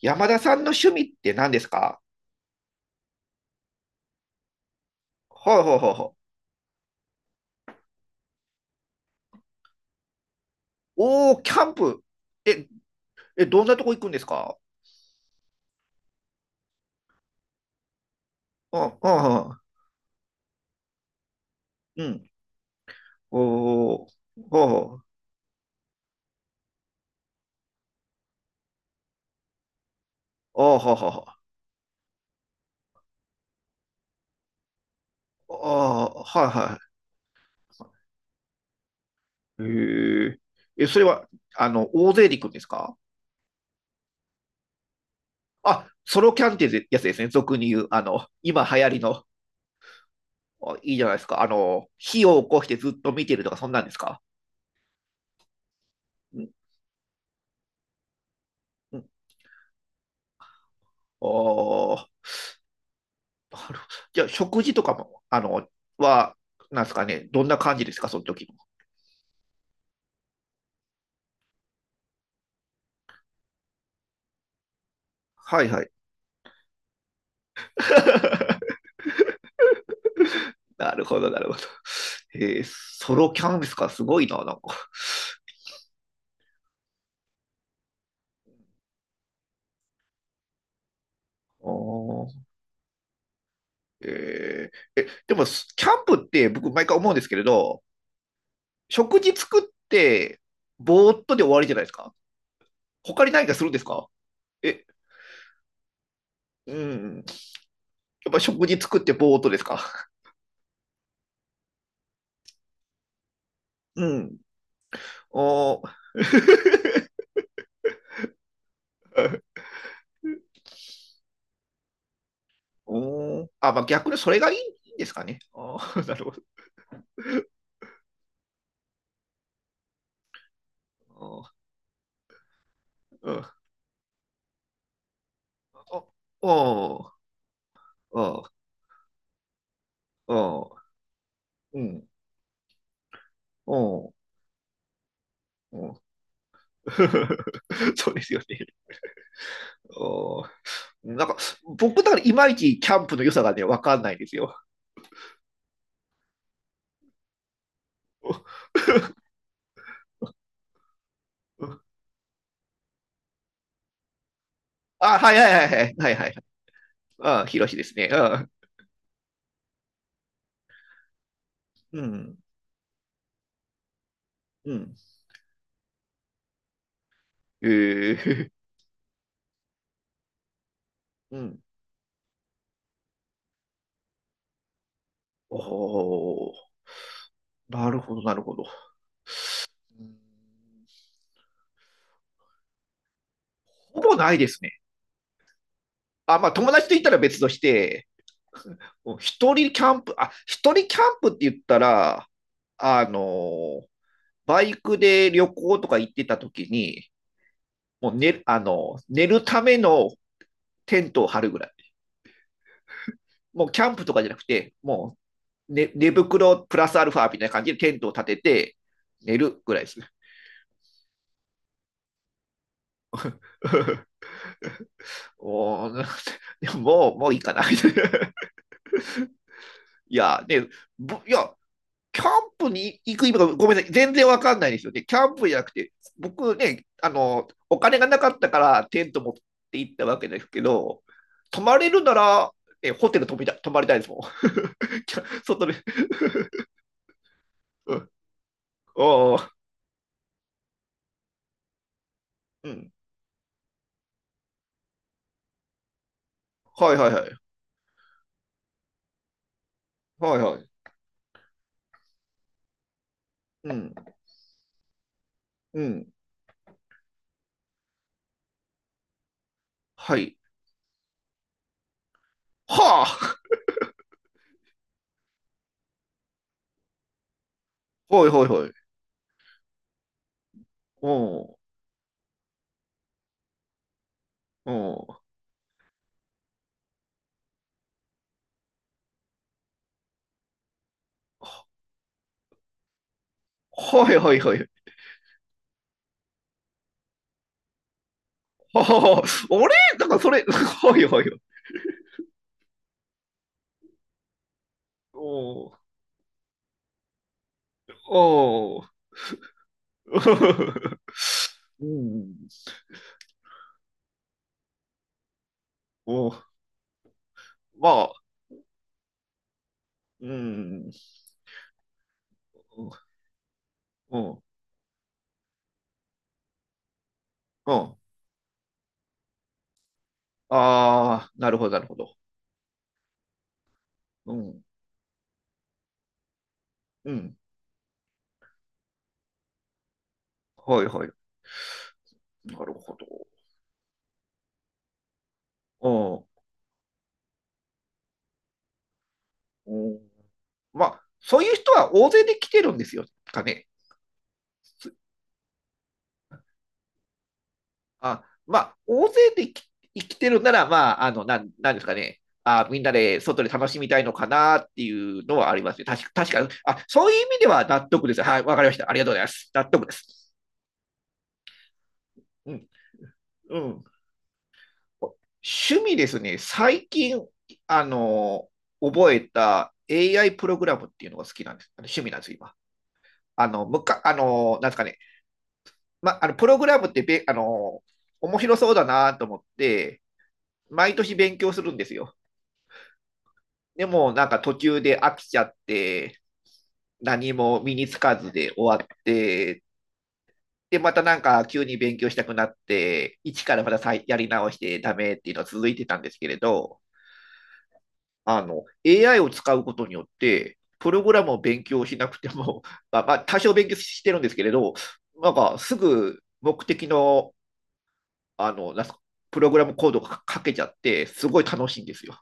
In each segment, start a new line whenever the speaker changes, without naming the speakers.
山田さんの趣味って何ですか？はいはいはいはい。おー、キャンプ。え、え、どんなとこ行くんですか？うんうんうん。うん。おー、はあ、はあ、はははあ、ーはいはい。へえ。え、それは、大勢で行くんですか？あ、ソロキャンってやつですね。俗に言う、今流行りの、あいいじゃないですか。火を起こしてずっと見てるとか、そんなんですか？うんうん。あー、なるほど。じゃあ 食事とかも、は、なんですかね、どんな感じですか、その時の。はいはい。なるほど、なるほど。えーソロキャンプですか、すごいな、なんか。おーえーえ、でも、キャンプって僕、毎回思うんですけれど、食事作って、ぼーっとで終わりじゃないですか。他に何かするんですか？え、うん。やっぱ食事作ってぼーっとですか？うん。おー おーあ、まあ、逆にそれがいいんですかね。あー なるほど。うん。おおおーおーうん。おーうん。そうですよね。おーなんか、僕だからいまいちキャンプの良さがね、わかんないんですよ。うん。あ、はいはいはいはい。はいはい。あ、ヒロシですね。あ、うん。うん。ええ、うん。おお、なるほど、なるほど。うん。ほぼないですね。あ、まあ友達と言ったら別として、一人キャンプ、あ、一人キャンプって言ったら、あの、バイクで旅行とか行ってた時に、もう寝るためのテントを張るぐらい。もうキャンプとかじゃなくて、もう寝袋プラスアルファみたいな感じでテントを立てて寝るぐらいですね。もう、もういいかな。いや、ね、いや、キャンプに行く意味がごめんなさい、全然わかんないですよね。キャンプじゃなくて、僕ね、お金がなかったからテント持って行ったわけですけど、泊まれるなら、え、ホテル泊みた泊まりたいですもん。キャ外で。うん。ああ、うん。はいはいはい。はいはい。うん。うん。はい。はあ。はいはいはい。うん。うん。はいはいはい。はあ、あれなんかそれ、はいはいはい。おお。おお。うん。お、まあ、うん。うん。うん。ああ、なるほど、なるほど。うん。うん。はいはい。なるほど。うん。うん。まあ、そういう人は大勢で来てるんですよ、かね。あ、まあ、大勢で生きてるなら、まあ、なんですかね。あ、みんなで外で楽しみたいのかなっていうのはありますね。確かに。あ、そういう意味では納得です。はい、わかりました。ありがとうございます。納得です。うん。うん。趣味ですね、最近、あの、覚えた AI プログラムっていうのが好きなんです。あの趣味なんです、今。あの、むか、あの、なんですかね、ま、あの、プログラムってべ、あの、面白そうだなと思って、毎年勉強するんですよ。でも、なんか途中で飽きちゃって、何も身につかずで終わって、で、またなんか急に勉強したくなって、一からまた再やり直してダメっていうのは続いてたんですけれど、AI を使うことによって、プログラムを勉強しなくても、まあ、まあ、多少勉強してるんですけれど、なんかすぐ目的の、あの、なんすか、プログラムコードが書けちゃって、すごい楽しいんですよ。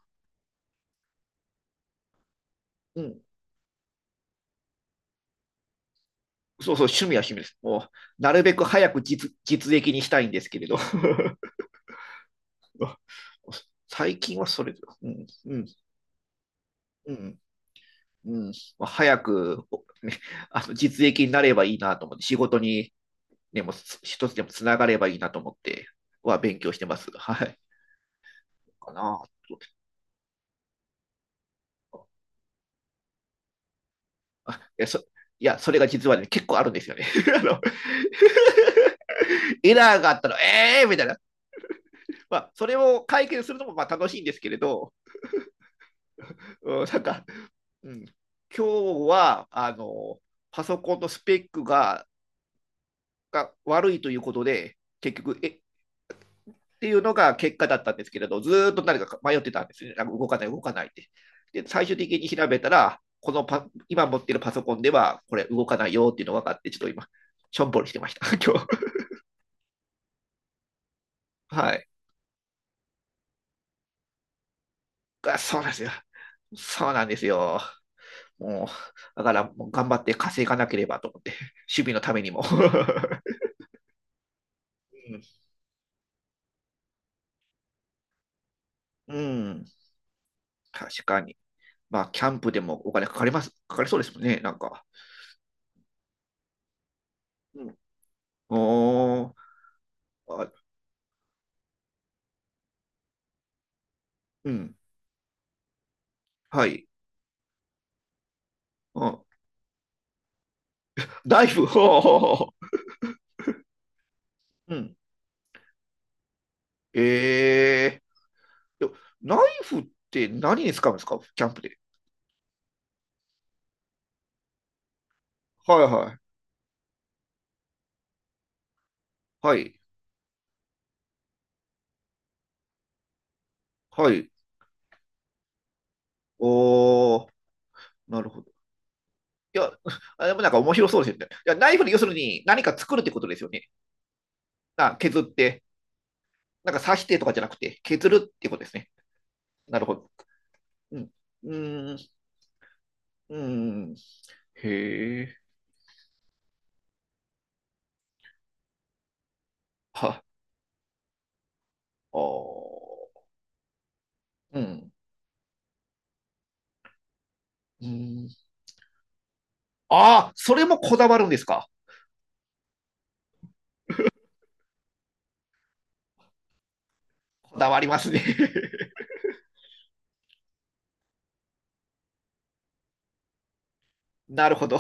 うん。そうそう、趣味は趣味です。もう、なるべく早く実益にしたいんですけれど。最近はそれ、うん、うん、うん、うん。まあ早く、ね、あの実益になればいいなと思って、仕事にでもう一つでもつながればいいなと思っては勉強してます。はい。かな。あ、あいや、そ、いや、それが実はね、結構あるんですよね。あの、エラーがあったら、ええー、みたいな。まあ、それを解決するのもまあ楽しいんですけれど、うん、なんか、うん、今日は、パソコンのスペックが、悪いということで、結局、え、っていうのが結果だったんですけれど、ずっと誰か迷ってたんですね。なんか動かない、動かないって。で、最終的に調べたら、このパ今持ってるパソコンでは、これ動かないよっていうのが分かって、ちょっと今、しょんぼりしてました、今日。はい。あ、そうなんですよ。そうなんですよ。もう、だからもう頑張って稼がなければと思って、守備のためにも。うん、うん。確かに。まあ、キャンプでもお金かかります、かかりそうですもんね、なんか。うん、おーあ、うん、はい。うん。ナイフ、ほうほうほうん。うん。ええ。でナイフって何に使うんですか？キャンプで。はいはい。はい。はい。おー、なるほど。いや、あでもなんか面白そうですよね。いや、ナイフで要するに何か作るってことですよね。な削って、なんか刺してとかじゃなくて、削るってことですね。なるほど。うん。うーん。うーん。へえ。は、あー。うん。うん。ああ、それもこだわるんですか？こだわりますね。なるほど。